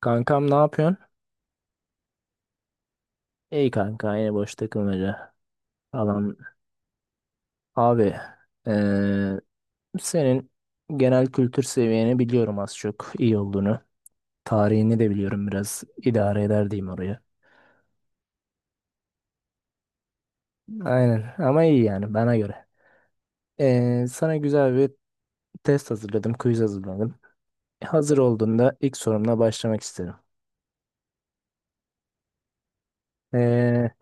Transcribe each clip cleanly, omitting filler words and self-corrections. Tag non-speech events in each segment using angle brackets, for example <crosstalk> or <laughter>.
Kankam ne yapıyorsun? İyi kanka yine boş takılmaca falan. Abi eee, senin genel kültür seviyeni biliyorum az çok iyi olduğunu. Tarihini de biliyorum biraz idare eder diyeyim oraya. Aynen ama iyi yani bana göre. Sana güzel bir test hazırladım, quiz hazırladım. Hazır olduğunda ilk sorumla başlamak isterim. Eee,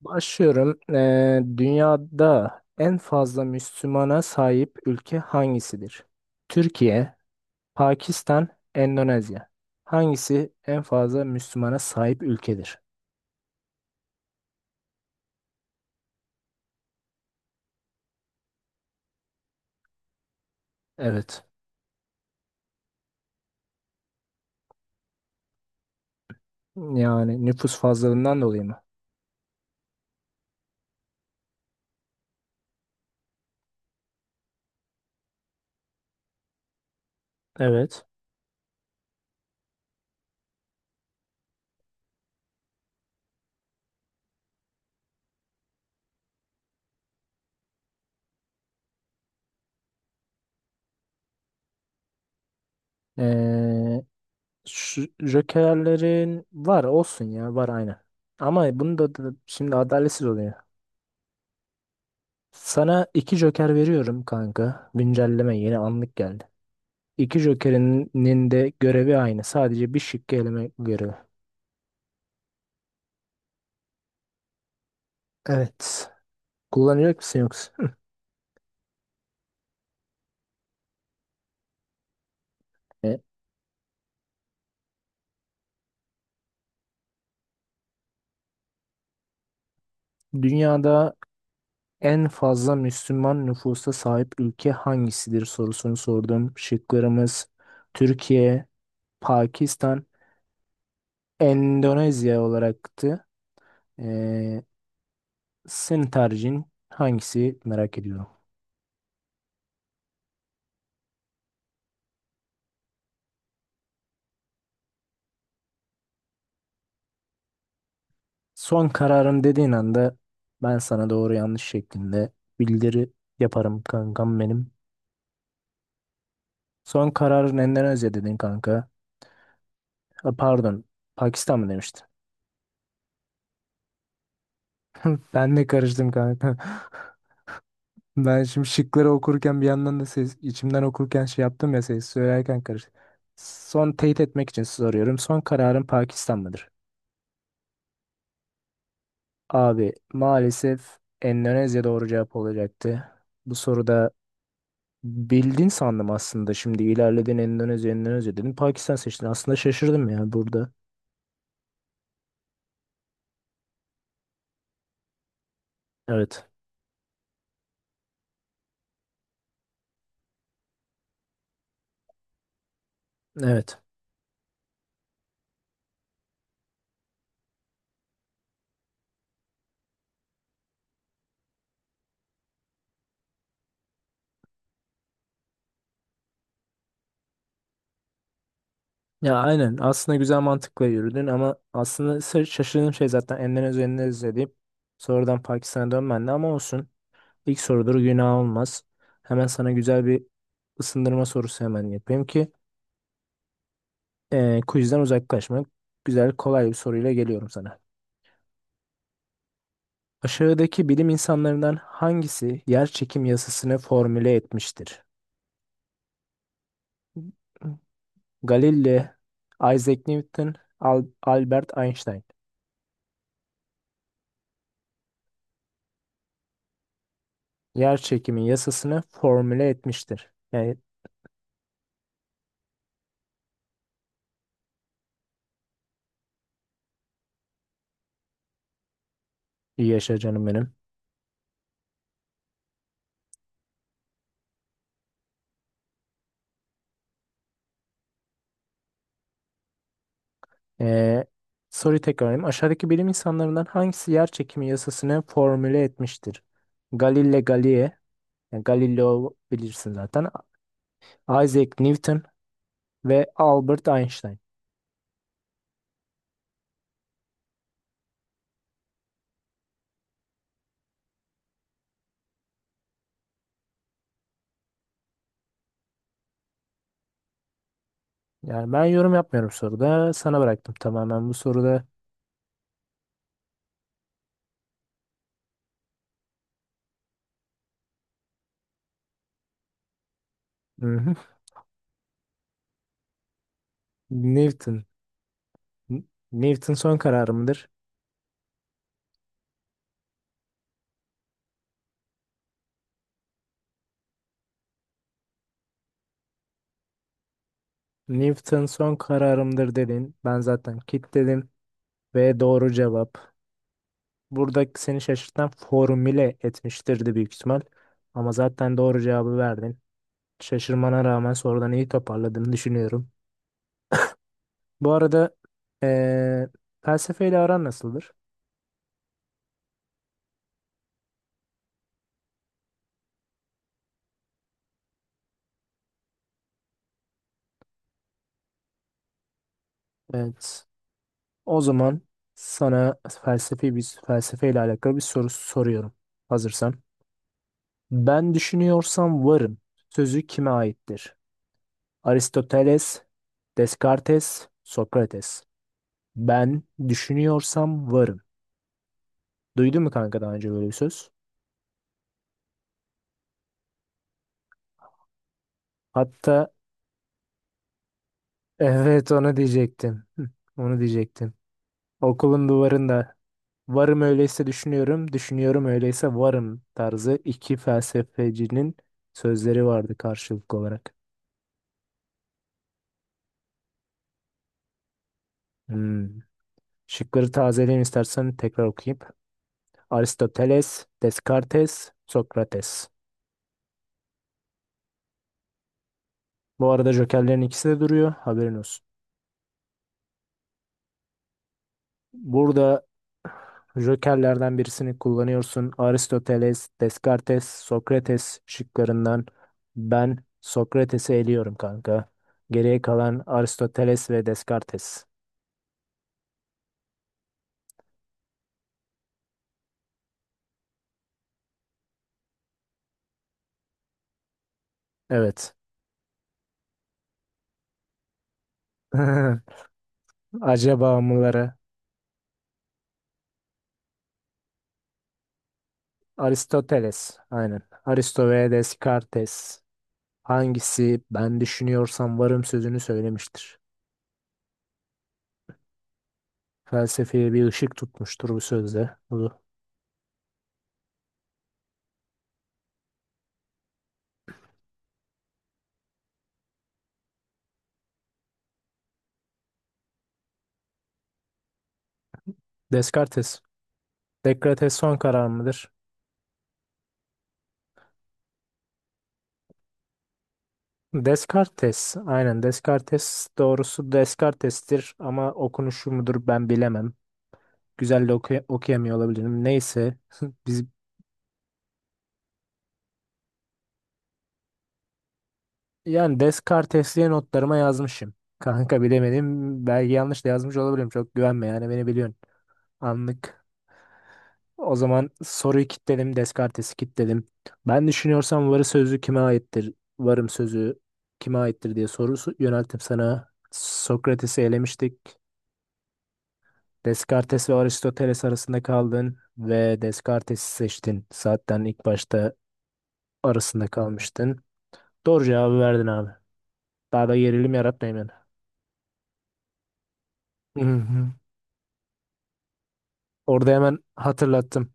Başlıyorum. Dünyada en fazla Müslümana sahip ülke hangisidir? Türkiye, Pakistan, Endonezya. Hangisi en fazla Müslümana sahip ülkedir? Evet. Yani nüfus fazlalığından dolayı mı? Evet. Ee, Şu jokerlerin var olsun ya var aynen. Ama bunu da şimdi adaletsiz oluyor. Sana iki Joker veriyorum kanka. Güncelleme yeni anlık geldi. İki Joker'inin de görevi aynı. Sadece bir şıkkı eleme görevi. Evet. Kullanacak mısın yoksa? <laughs> E, Dünyada en fazla Müslüman nüfusa sahip ülke hangisidir sorusunu sordum. Şıklarımız Türkiye, Pakistan, Endonezya olacaktı. Ee, Senin tercihin hangisi merak ediyorum. Son kararım dediğin anda ben sana doğru yanlış şeklinde bildiri yaparım kankam benim. Son kararın Endonezya dedin kanka. Ha, pardon, Pakistan mı demiştin? Ben de karıştım kanka. <laughs> Ben şimdi şıkları okurken bir yandan da ses, içimden okurken şey yaptım ya ses söylerken karıştı. Son teyit etmek için soruyorum. Son kararın Pakistan mıdır? Abi maalesef Endonezya doğru cevap olacaktı. Bu soruda bildin sandım aslında. Şimdi ilerledin Endonezya, Endonezya dedin. Pakistan seçtin. Aslında şaşırdım ya burada. Evet. Evet. Ya aynen. Aslında güzel mantıkla yürüdün ama aslında şaşırdığım şey zaten Endonezya, Endonezya deyip sonradan Pakistan'a dönmendi ama olsun. İlk sorudur günah olmaz. Hemen sana güzel bir ısındırma sorusu hemen yapayım ki quizden uzaklaşmak. Güzel kolay bir soruyla geliyorum sana. Aşağıdaki bilim insanlarından hangisi yer çekim yasasını formüle etmiştir? Galileo, Isaac Newton, Albert Einstein. Yer çekimi yasasını formüle etmiştir. Yani iyi yaşa canım benim. Ee, Soruyu tekrarlayayım. Aşağıdaki bilim insanlarından hangisi yer çekimi yasasını formüle etmiştir? Galileo Galilei, yani Galileo bilirsin zaten. Isaac Newton ve Albert Einstein. Yani ben yorum yapmıyorum soruda. Sana bıraktım tamamen bu soruda. Mhm. Newton. N- Newton son kararımdır. Newton son kararımdır dedin. Ben zaten kitledim ve doğru cevap. Burada seni şaşırtan formüle etmiştirdi büyük ihtimal. Ama zaten doğru cevabı verdin. Şaşırmana rağmen sorudan iyi toparladığını düşünüyorum. Bu arada eee felsefeyle aran nasıldır? Evet. O zaman sana felsefi bir felsefeyle alakalı bir soru soruyorum. Hazırsan. Ben düşünüyorsam varım. Sözü kime aittir? Aristoteles, Descartes, Sokrates. Ben düşünüyorsam varım. Duydun mu kanka daha önce böyle bir söz? Hatta evet onu diyecektim. Hı, onu diyecektim. Okulun duvarında varım öyleyse düşünüyorum, düşünüyorum öyleyse varım tarzı iki felsefecinin sözleri vardı karşılıklı olarak. Hmm. Şıkları tazeleyeyim istersen tekrar okuyayım. Aristoteles, Descartes, Sokrates. Bu arada jokerlerin ikisi de duruyor. Haberin olsun. Burada jokerlerden birisini kullanıyorsun. Aristoteles, Descartes, Sokrates şıklarından ben Sokrates'i eliyorum kanka. Geriye kalan Aristoteles ve Descartes. Evet. <laughs> Acaba mıları? Aristoteles. Aynen. Aristo ve Descartes. Hangisi ben düşünüyorsam varım sözünü söylemiştir. Felsefeye bir ışık tutmuştur bu sözde. Bu Descartes. Descartes son karar mıdır? Descartes. Aynen Descartes doğrusu Descartes'tir ama okunuşu mudur ben bilemem. Güzel de okuyamıyor olabilirim. Neyse. <laughs> Biz yani Descartes diye notlarıma yazmışım. Kanka bilemedim. Belki yanlış da yazmış olabilirim. Çok güvenme yani beni biliyorsun. Anlık. O zaman soruyu kilitledim. Descartes'i kilitledim. Ben düşünüyorsam varı sözü kime aittir? Varım sözü kime aittir diye sorusu yönelttim sana. Sokrates'i elemiştik. Descartes ve Aristoteles arasında kaldın ve Descartes'i seçtin. Zaten ilk başta arasında kalmıştın. Doğru cevabı verdin abi. Daha da gerilim yaratmayayım yani. Hı hı. Orada hemen hatırlattım.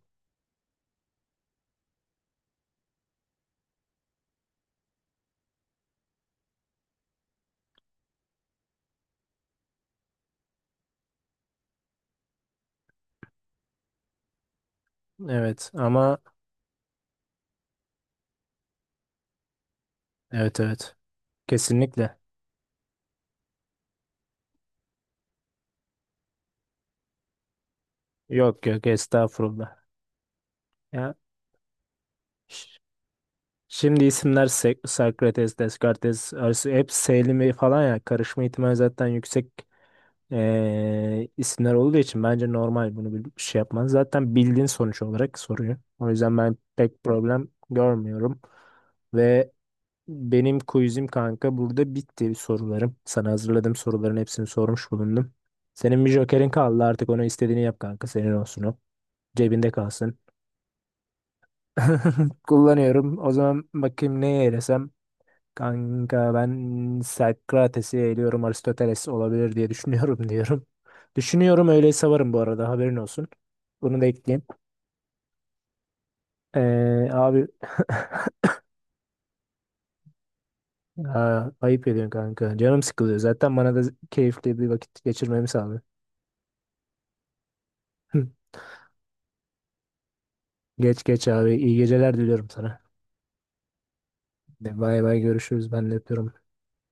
Evet ama evet evet. Kesinlikle. Yok yok estağfurullah. Ya şimdi isimler Sokrates, Descartes, Aristo hep Selimi falan ya karışma ihtimali zaten yüksek isimler olduğu için bence normal bunu bir şey yapman. Zaten bildiğin sonuç olarak soruyor. O yüzden ben pek problem görmüyorum. Ve benim quizim kanka burada bitti sorularım. Sana hazırladığım soruların hepsini sormuş bulundum. Senin bir jokerin kaldı artık onu istediğini yap kanka senin olsun o. Cebinde kalsın. <laughs> Kullanıyorum. O zaman bakayım neye eylesem. Kanka ben Sokrates'i eğiliyorum Aristoteles olabilir diye düşünüyorum <laughs> diyorum. Düşünüyorum öyle savarım bu arada haberin olsun. Bunu da ekleyeyim. Abi <laughs> Aa, ayıp ediyorsun kanka. Canım sıkılıyor. Zaten bana da keyifli bir vakit geçirmemi sağlıyor. <laughs> Geç geç abi. İyi geceler diliyorum sana. De, bay bay görüşürüz. Ben de öpüyorum.